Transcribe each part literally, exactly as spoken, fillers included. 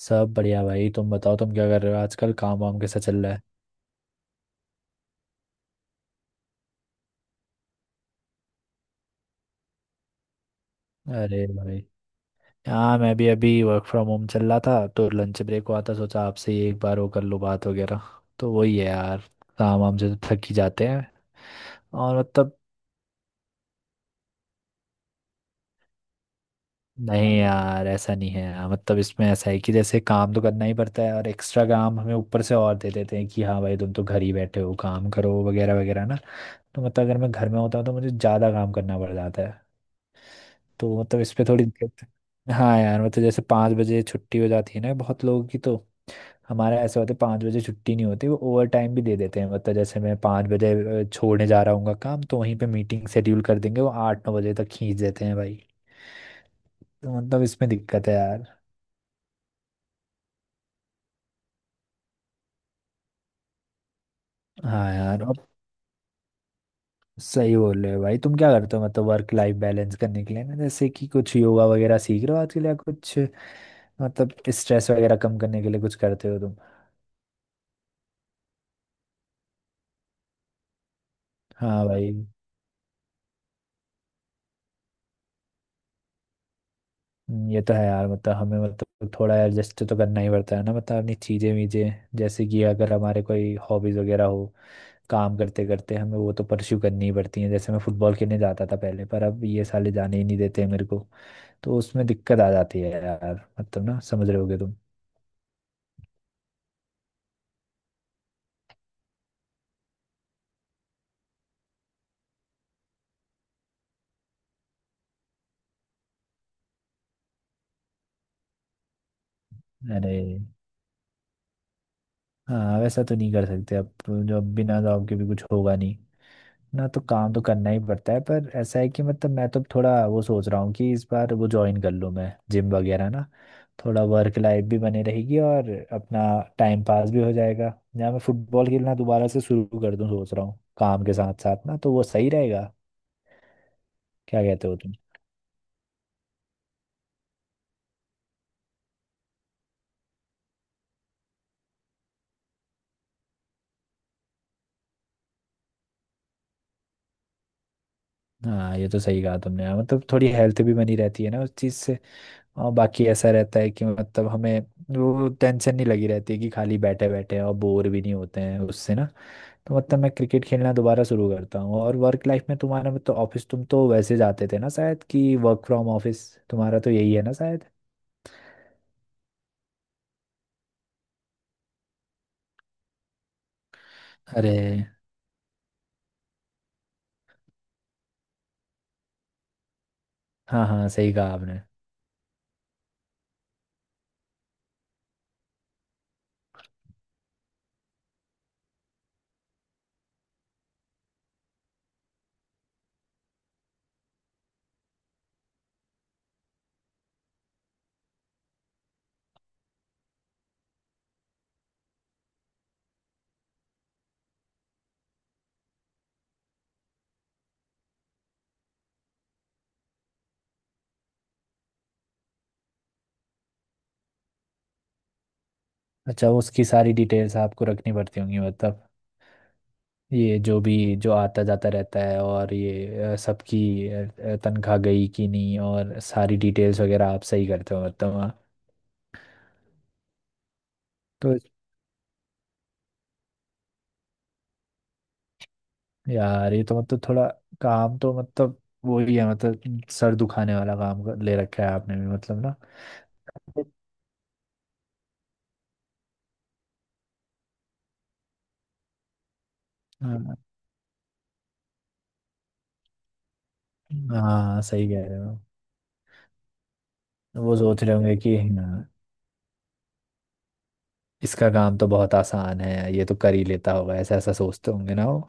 सब बढ़िया भाई। तुम बताओ, तुम क्या कर रहे हो आजकल? काम वाम कैसा चल रहा है? अरे भाई, हाँ, मैं भी अभी वर्क फ्रॉम होम चल रहा था तो लंच ब्रेक हुआ था। सोचा आपसे ही एक बार वो कर लो, बात वगैरह। तो वही है यार, काम वाम से तो थक ही जाते हैं। और मतलब नहीं यार, ऐसा नहीं है यार। मतलब इसमें ऐसा है कि जैसे काम तो करना ही पड़ता है और एक्स्ट्रा काम हमें ऊपर से और दे देते हैं कि हाँ भाई, तुम तो घर ही बैठे हो, काम करो वगैरह वगैरह ना। तो मतलब अगर मैं घर में होता हूँ तो मुझे ज़्यादा काम करना पड़ जाता है। तो मतलब इस पे थोड़ी दिक्कत है। हाँ यार, मतलब जैसे पाँच बजे छुट्टी हो जाती है ना बहुत लोगों की, तो हमारा ऐसा होता है पाँच बजे छुट्टी नहीं होती। वो ओवर टाइम भी दे देते हैं। मतलब जैसे मैं पाँच बजे अ, छोड़ने जा रहा हूँ काम, तो वहीं पे मीटिंग शेड्यूल कर देंगे। वो आठ नौ बजे तक खींच देते हैं भाई। तो मतलब इसमें दिक्कत है यार। हाँ यार, अब सही बोल रहे हो भाई। तुम क्या करते हो मतलब वर्क लाइफ बैलेंस करने के लिए ना? जैसे कि कुछ योगा वगैरह सीख रहे हो आजकल या कुछ, मतलब स्ट्रेस वगैरह कम करने के लिए कुछ करते हो तुम? हाँ भाई। हम्म, ये तो है यार। मतलब हमें मतलब थोड़ा एडजस्ट तो करना ही पड़ता है ना, मतलब अपनी चीज़ें वीजें। जैसे कि अगर हमारे कोई हॉबीज़ वगैरह हो, काम करते करते हमें वो तो परस्यू करनी ही पड़ती है। जैसे मैं फुटबॉल खेलने जाता था पहले पर अब ये साले जाने ही नहीं देते हैं मेरे को। तो उसमें दिक्कत आ जाती है यार। मतलब ना, समझ रहे होगे तुम। अरे हाँ, वैसा तो नहीं कर सकते अब तो। जो अब बिना जॉब के भी कुछ होगा नहीं ना, तो काम तो करना ही पड़ता है। पर ऐसा है कि मतलब मैं तो थोड़ा वो सोच रहा हूँ कि इस बार वो ज्वाइन कर लूँ मैं जिम वगैरह ना। थोड़ा वर्क लाइफ भी बनी रहेगी और अपना टाइम पास भी हो जाएगा, या मैं फुटबॉल खेलना दोबारा से शुरू कर दूँ। सोच रहा हूँ काम के साथ साथ ना, तो वो सही रहेगा। क्या कहते हो तुम? हाँ, ये तो सही कहा तुमने। हाँ, मतलब थोड़ी हेल्थ भी बनी रहती है ना उस चीज़ से। और बाकी ऐसा रहता है कि मतलब हमें वो टेंशन नहीं लगी रहती है कि खाली बैठे बैठे हैं, और बोर भी नहीं होते हैं उससे ना। तो मतलब मैं क्रिकेट खेलना दोबारा शुरू करता हूँ। और वर्क लाइफ में तुम्हारा मतलब तो ऑफिस, तुम तो वैसे जाते थे ना शायद, कि वर्क फ्रॉम ऑफिस तुम्हारा तो यही है ना शायद। अरे हाँ, हाँ सही कहा आपने। अच्छा, उसकी सारी डिटेल्स आपको रखनी पड़ती होंगी मतलब, ये जो भी जो आता जाता रहता है, और ये अ, सबकी अ, अ, तनख्वाह गई कि नहीं और सारी डिटेल्स वगैरह आप सही करते हो मतलब, हाँ। तो यार, ये तो मतलब थोड़ा काम तो मतलब वो ही है। मतलब सर दुखाने वाला काम कर- ले रखा है आपने भी मतलब ना। हाँ, हाँ, सही कह रहे हो। वो सोच रहे होंगे कि हाँ, इसका काम तो बहुत आसान है, ये तो कर ही लेता होगा, ऐसा ऐसा सोचते होंगे ना वो।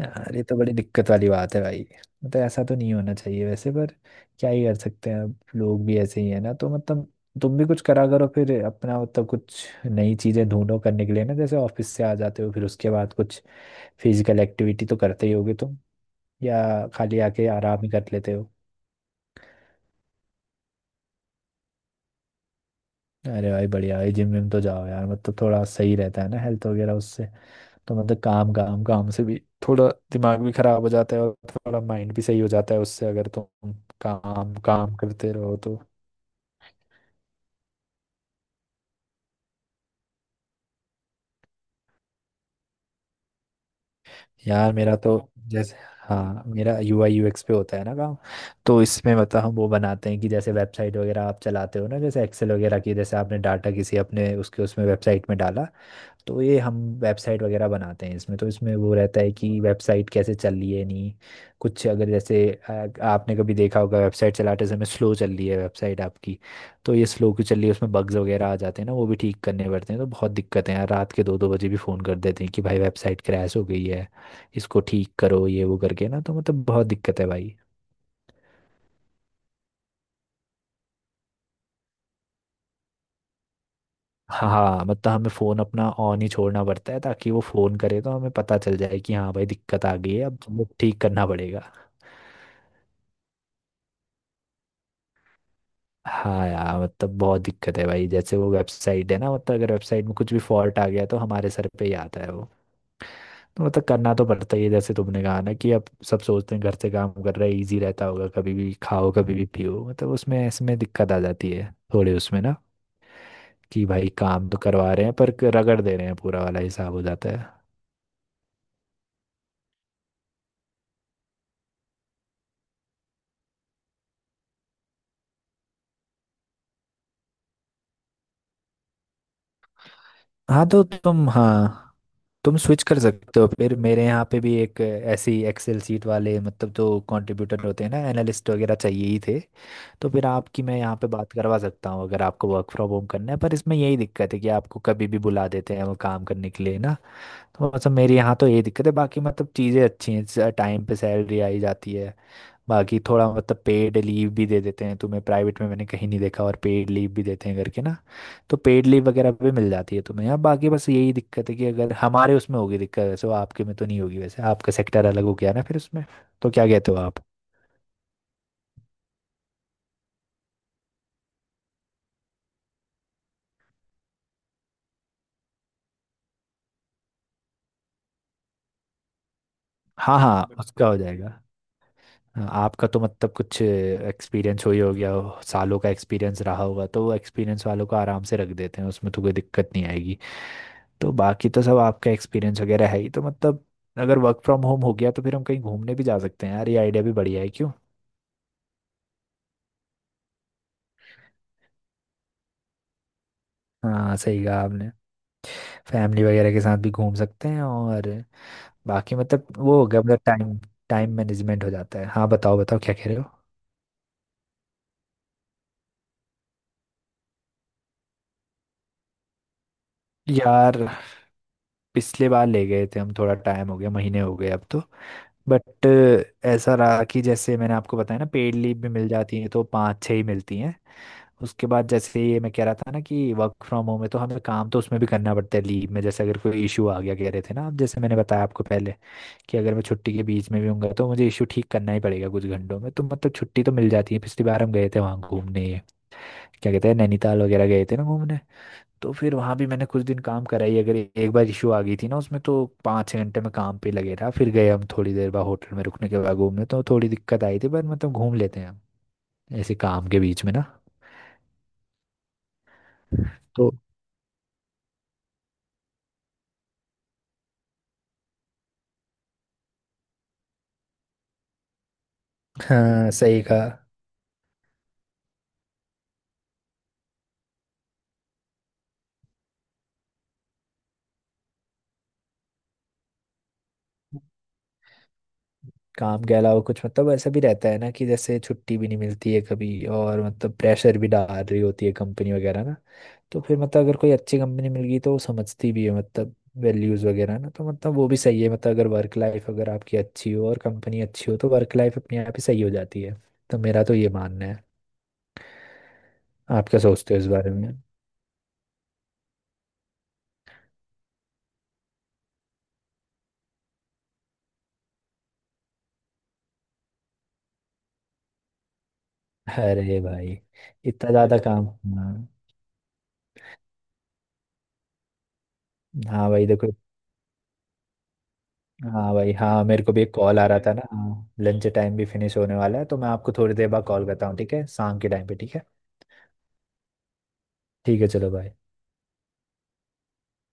यार, ये तो बड़ी दिक्कत वाली बात है भाई। मतलब ऐसा तो नहीं होना चाहिए वैसे, पर क्या ही कर सकते हैं, अब लोग भी ऐसे ही है ना, तो मतलब तुम भी कुछ करा करो फिर अपना, मतलब कुछ नई चीजें ढूंढो करने के लिए ना। जैसे ऑफिस से आ जाते हो फिर उसके बाद कुछ फिजिकल एक्टिविटी तो करते ही होगे तुम, या खाली आके आराम ही कर लेते हो? अरे भाई, बढ़िया भाई। जिम विम तो जाओ यार, मतलब थोड़ा सही रहता है ना हेल्थ वगैरह उससे। तो मतलब काम काम काम से भी थोड़ा दिमाग भी खराब हो जाता है, और थोड़ा माइंड भी सही हो जाता है उससे, अगर तुम काम काम करते रहो तो। यार मेरा तो जैसे, हाँ, मेरा यू आई यू एक्स पे होता है ना काम। तो इसमें मतलब हम वो बनाते हैं कि जैसे वेबसाइट वगैरह आप चलाते हो ना, जैसे एक्सेल वगैरह की जैसे आपने डाटा किसी अपने उसके उसमें वेबसाइट में डाला। तो ये हम वेबसाइट वगैरह बनाते हैं इसमें। तो इसमें वो रहता है कि वेबसाइट कैसे चल रही है, नहीं कुछ अगर, जैसे आ, आपने कभी देखा होगा वेबसाइट चलाते समय स्लो चल रही है वेबसाइट आपकी, तो ये स्लो क्यों चल रही है, उसमें बग्स वगैरह आ जाते हैं ना, वो भी ठीक करने पड़ते हैं। तो बहुत दिक्कतें हैं, रात के दो दो बजे भी फ़ोन कर देते हैं कि भाई वेबसाइट क्रैश हो गई है, इसको ठीक करो, ये वो करके ना। तो मतलब बहुत दिक्कत है भाई। हाँ, मतलब हमें फ़ोन अपना ऑन ही छोड़ना पड़ता है ताकि वो फ़ोन करे तो हमें पता चल जाए कि हाँ भाई, दिक्कत आ गई है, अब हमें ठीक करना पड़ेगा। हाँ यार, मतलब बहुत दिक्कत है भाई। जैसे वो वेबसाइट है ना, मतलब अगर वेबसाइट में कुछ भी फॉल्ट आ गया तो हमारे सर पे ही आता है वो। तो मतलब करना तो पड़ता ही है। जैसे तुमने कहा ना कि अब सब सोचते हैं घर से काम कर रहे हैं, इजी रहता होगा, कभी भी खाओ कभी भी पियो, मतलब उसमें इसमें दिक्कत आ जाती है थोड़े उसमें ना, कि भाई काम तो करवा रहे हैं पर रगड़ दे रहे हैं, पूरा वाला हिसाब हो जाता है। हाँ तो तुम, हाँ, तुम स्विच कर सकते हो फिर। मेरे यहाँ पे भी एक ऐसी एक्सेल सीट वाले, मतलब जो कंट्रीब्यूटर होते हैं ना, एनालिस्ट वगैरह चाहिए ही थे। तो फिर आपकी मैं यहाँ पे बात करवा सकता हूँ, अगर आपको वर्क फ्रॉम होम करना है। पर इसमें यही दिक्कत है कि आपको कभी भी बुला देते हैं वो काम करने के लिए ना। तो मतलब मेरे यहाँ तो ये दिक्कत है, बाकी मतलब चीज़ें अच्छी हैं, टाइम पे सैलरी आई जाती है। बाकी थोड़ा मतलब पेड लीव भी दे देते हैं तुम्हें। प्राइवेट में मैंने कहीं नहीं देखा और पेड लीव भी देते हैं करके ना। तो पेड लीव वगैरह भी मिल जाती है तुम्हें। अब बाकी बस यही दिक्कत है कि अगर हमारे उसमें होगी दिक्कत वैसे, वो आपके में तो नहीं होगी वैसे, आपका सेक्टर अलग हो गया ना फिर उसमें। तो क्या कहते हो आप? हाँ, हाँ, उसका बिल्कुल हो जाएगा। हाँ, आपका तो मतलब कुछ एक्सपीरियंस हो ही हो गया हो, सालों का एक्सपीरियंस रहा होगा, तो वो एक्सपीरियंस वालों को आराम से रख देते हैं, उसमें तो कोई दिक्कत नहीं आएगी। तो बाकी तो सब आपका एक्सपीरियंस वगैरह है ही, तो मतलब अगर वर्क फ्रॉम होम हो गया तो फिर हम कहीं घूमने भी जा सकते हैं यार। ये आइडिया भी बढ़िया है क्यों? हाँ, सही कहा आपने। फैमिली वगैरह के साथ भी घूम सकते हैं, और बाकी मतलब वो हो गया, मतलब टाइम, टाइम मैनेजमेंट हो जाता है। हाँ, बताओ बताओ क्या कह रहे हो? यार पिछले बार ले गए थे हम, थोड़ा टाइम हो गया, महीने हो गए अब तो। बट ऐसा रहा कि जैसे मैंने आपको बताया ना, पेड लीव भी मिल जाती है तो पाँच छः ही मिलती हैं। उसके बाद जैसे ये मैं कह रहा था ना कि वर्क फ्रॉम होम है तो हमें काम तो उसमें भी करना पड़ता है लीव में। जैसे अगर कोई इशू आ गया, कह रहे थे ना आप, जैसे मैंने बताया आपको पहले कि अगर मैं छुट्टी के बीच में भी हूँगा तो मुझे इशू ठीक करना ही पड़ेगा कुछ घंटों में। तो मतलब छुट्टी तो मिल जाती है। पिछली बार हम गए थे वहाँ घूमने, ये क्या कहते हैं, नैनीताल वगैरह गए थे ना घूमने। तो फिर वहाँ भी मैंने कुछ दिन काम करा ही, अगर ए- एक बार इशू आ गई थी ना उसमें, तो पाँच छः घंटे में काम पे लगे रहा, फिर गए हम थोड़ी देर बाद होटल में रुकने के बाद घूमने। तो थोड़ी दिक्कत आई थी पर मतलब घूम लेते हैं हम ऐसे काम के बीच में ना। तो हाँ, सही कहा। काम के अलावा कुछ मतलब ऐसा भी रहता है ना कि जैसे छुट्टी भी नहीं मिलती है कभी, और मतलब प्रेशर भी डाल रही होती है कंपनी वगैरह ना। तो फिर मतलब अगर कोई अच्छी कंपनी मिल गई तो वो समझती भी है, मतलब वैल्यूज़ वगैरह ना। तो मतलब वो भी सही है, मतलब अगर वर्क लाइफ अगर आपकी अच्छी हो और कंपनी अच्छी हो तो वर्क लाइफ अपने आप ही सही हो जाती है। तो मेरा तो ये मानना है। आप क्या सोचते हो इस बारे में? अरे भाई, इतना ज़्यादा काम! हाँ। हाँ भाई, देखो। हाँ भाई, हाँ, मेरे को भी एक कॉल आ रहा है था ना। हाँ, लंच टाइम भी फिनिश होने वाला है, तो मैं आपको थोड़ी देर बाद कॉल करता हूँ, ठीक है? शाम के टाइम पे, ठीक है। ठीक है, चलो भाई।